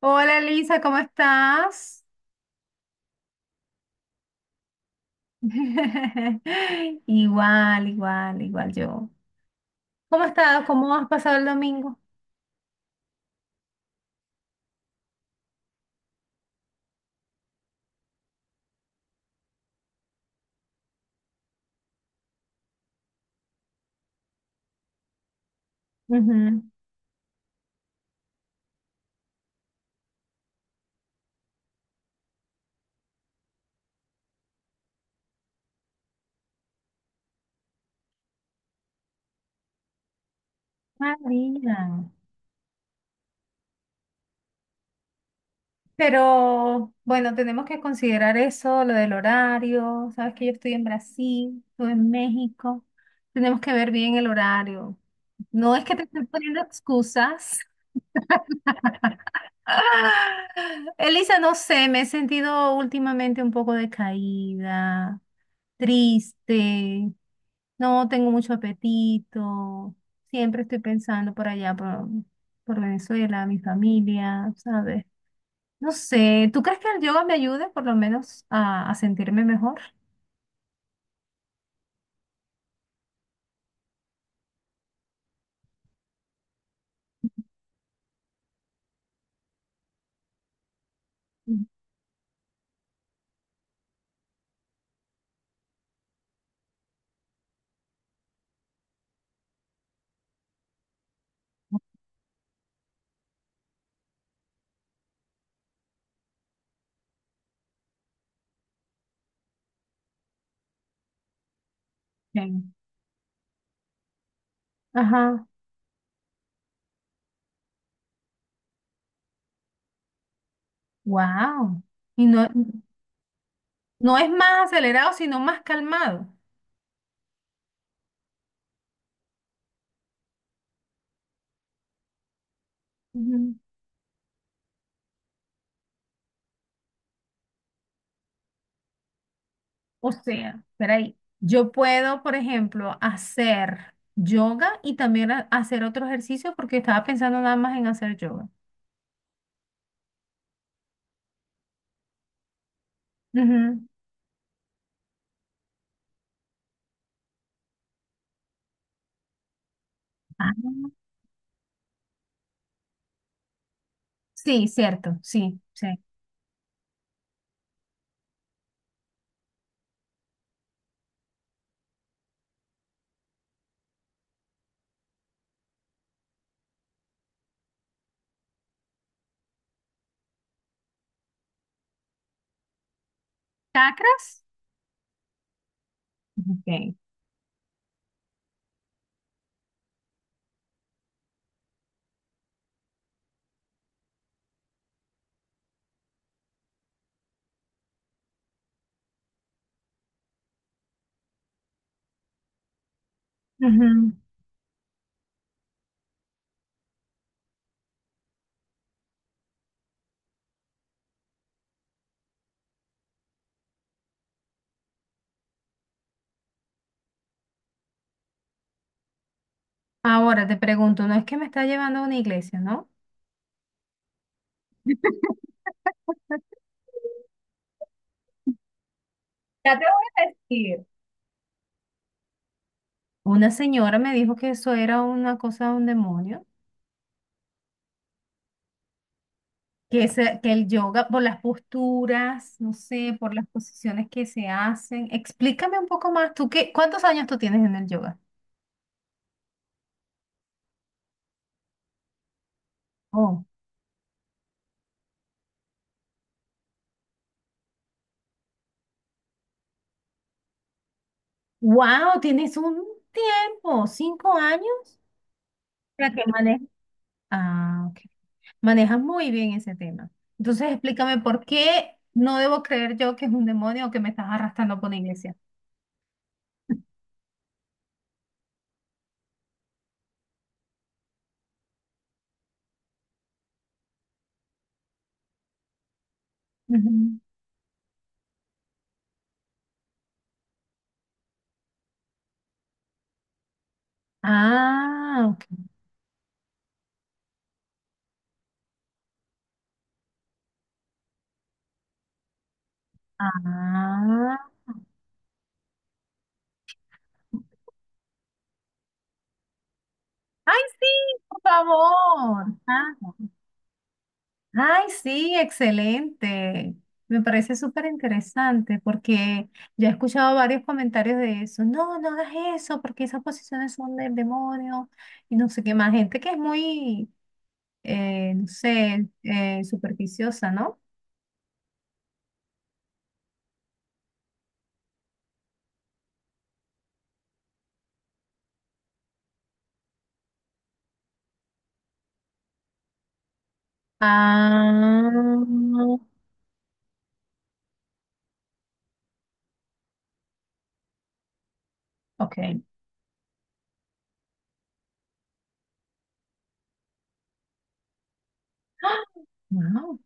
Hola Elisa, ¿cómo estás? Igual, igual, igual yo. ¿Cómo has estado? ¿Cómo has pasado el domingo? Ujú. Ah, mira. Pero bueno, tenemos que considerar eso, lo del horario. Sabes que yo estoy en Brasil, tú en México. Tenemos que ver bien el horario. No es que te estoy poniendo excusas. Ah, Elisa, no sé, me he sentido últimamente un poco decaída, triste, no tengo mucho apetito, siempre estoy pensando por allá, por Venezuela, mi familia, ¿sabes? No sé, ¿tú crees que el yoga me ayude por lo menos a sentirme mejor? Ok. Ajá, wow. Y no, no es más acelerado, sino más calmado. O sea, espera ahí. Yo puedo, por ejemplo, hacer yoga y también hacer otro ejercicio porque estaba pensando nada más en hacer yoga. Ujú. Ah, sí, cierto, sí, sí. ¿Chakras? Ok. Ujú. Ahora te pregunto, no es que me está llevando a una iglesia, ¿no? Ya te voy a decir. Una señora me dijo que eso era una cosa de un demonio, que el yoga, por las posturas, no sé, por las posiciones que se hacen. Explícame un poco más, ¿tú qué, cuántos años tú tienes en el yoga? Oh, wow, tienes un tiempo, 5 años, para que manejas. Ah, ok. Manejas muy bien ese tema. Entonces, explícame por qué no debo creer yo que es un demonio o que me estás arrastrando por una iglesia. Ujú. Ah, ok. Ah. Ay, sí, por favor. Ay, sí, excelente. Me parece súper interesante porque ya he escuchado varios comentarios de eso. No, no hagas eso porque esas posiciones son del demonio y no sé qué más. Gente que es muy, no sé, superficiosa, ¿no? Ah, ok. ¡Ah! Wow,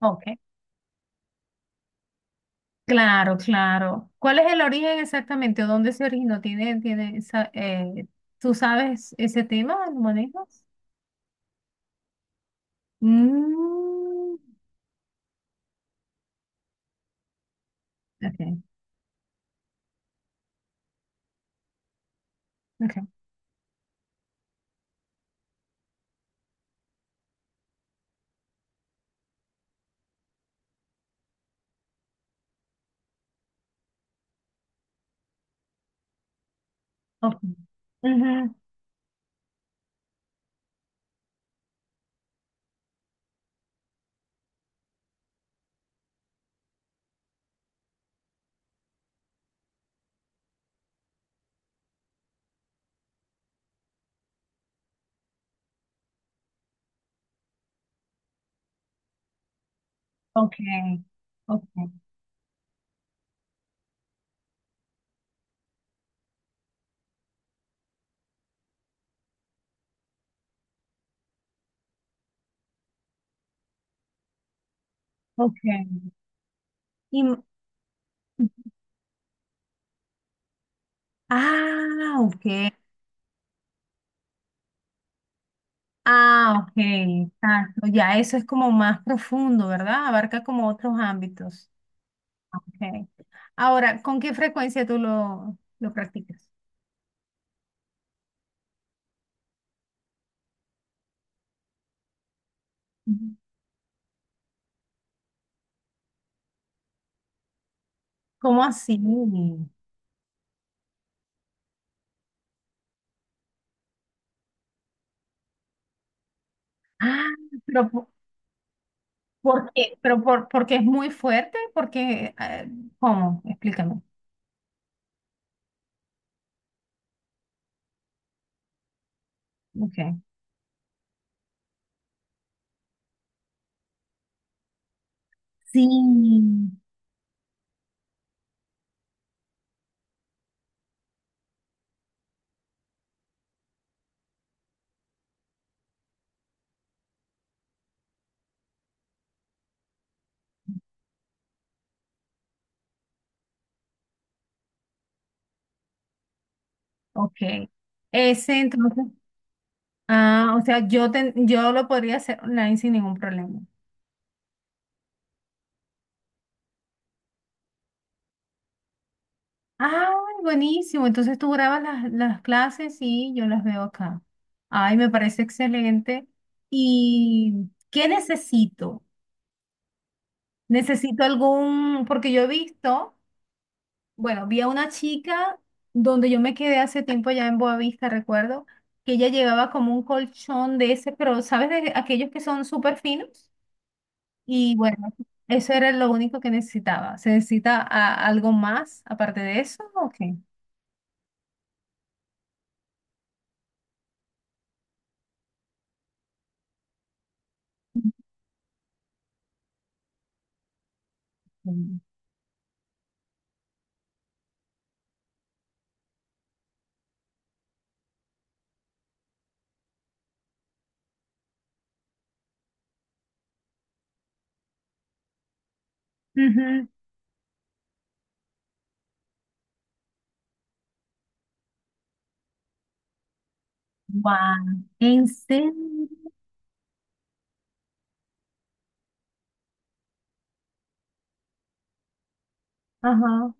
ok. Claro, claro. ¿Cuál es el origen exactamente? ¿O dónde se originó? ¿Tiene esa? ¿Tú sabes ese tema? ¿Lo manejas? Mm, okay, okay, okay. Ujú, okay, okay, okay. Y, ah, okay. Ah, okay, exacto. Ya eso es como más profundo, ¿verdad? Abarca como otros ámbitos. Ah, okay. Ahora, ¿con qué frecuencia tú lo practicas? Ujú. ¿Cómo así? Ah, pero ¿por qué? ¿Pero porque es muy fuerte? Porque, ¿cómo? Explícame. Okay. Sí. Ok. Ese entonces, ah, o sea, yo lo podría hacer online sin ningún problema. Ay, buenísimo. Entonces tú grabas las clases y yo las veo acá. Ay, me parece excelente. ¿Y qué necesito? Necesito algún, porque yo he visto, bueno, vi a una chica donde yo me quedé hace tiempo ya en Boavista, recuerdo, que ella llevaba como un colchón de ese, pero ¿sabes de aquellos que son súper finos? Y bueno, eso era lo único que necesitaba. ¿Se necesita algo más aparte de eso? ¿O qué? Mm. Ujú. Guau. ¿En serio? Ajá.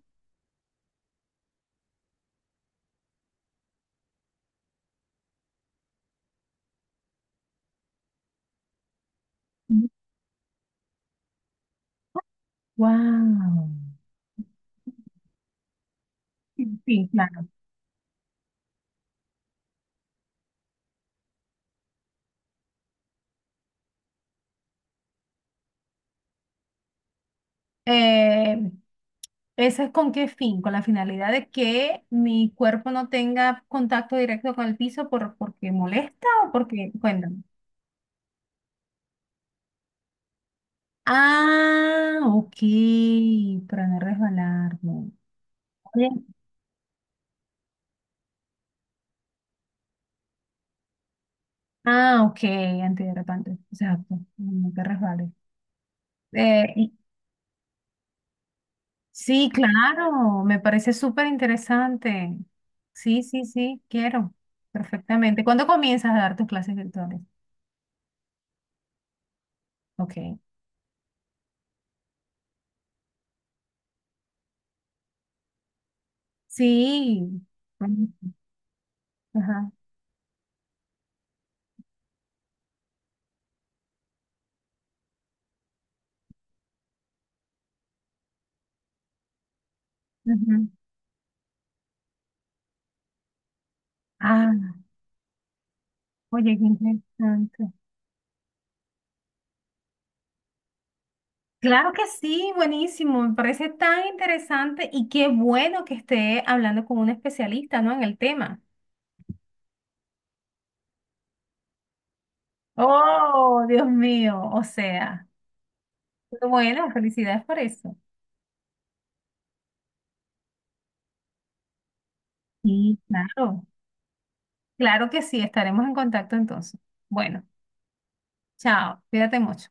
Wow. Sí, sí, claro. Eh, ¿Esa es con qué fin? Con la finalidad de que mi cuerpo no tenga contacto directo con el piso por, porque molesta o porque, cuéntame. Ah, ok, para no resbalarme. Ah, ok, antiderrapante. Exacto, no te resbales. Eh, y- sí, claro, me parece súper interesante. Sí, sí, sí, quiero. Perfectamente. ¿Cuándo comienzas a dar tus clases virtuales? Ok. Sí. Bueno, ajá, ujú. Ah, oye, qué interesante. Claro que sí, buenísimo. Me parece tan interesante y qué bueno que esté hablando con un especialista, ¿no? En el tema. Oh, Dios mío, o sea. Pero bueno, felicidades por eso. Sí, claro. Claro que sí, estaremos en contacto entonces. Bueno, chao, cuídate mucho.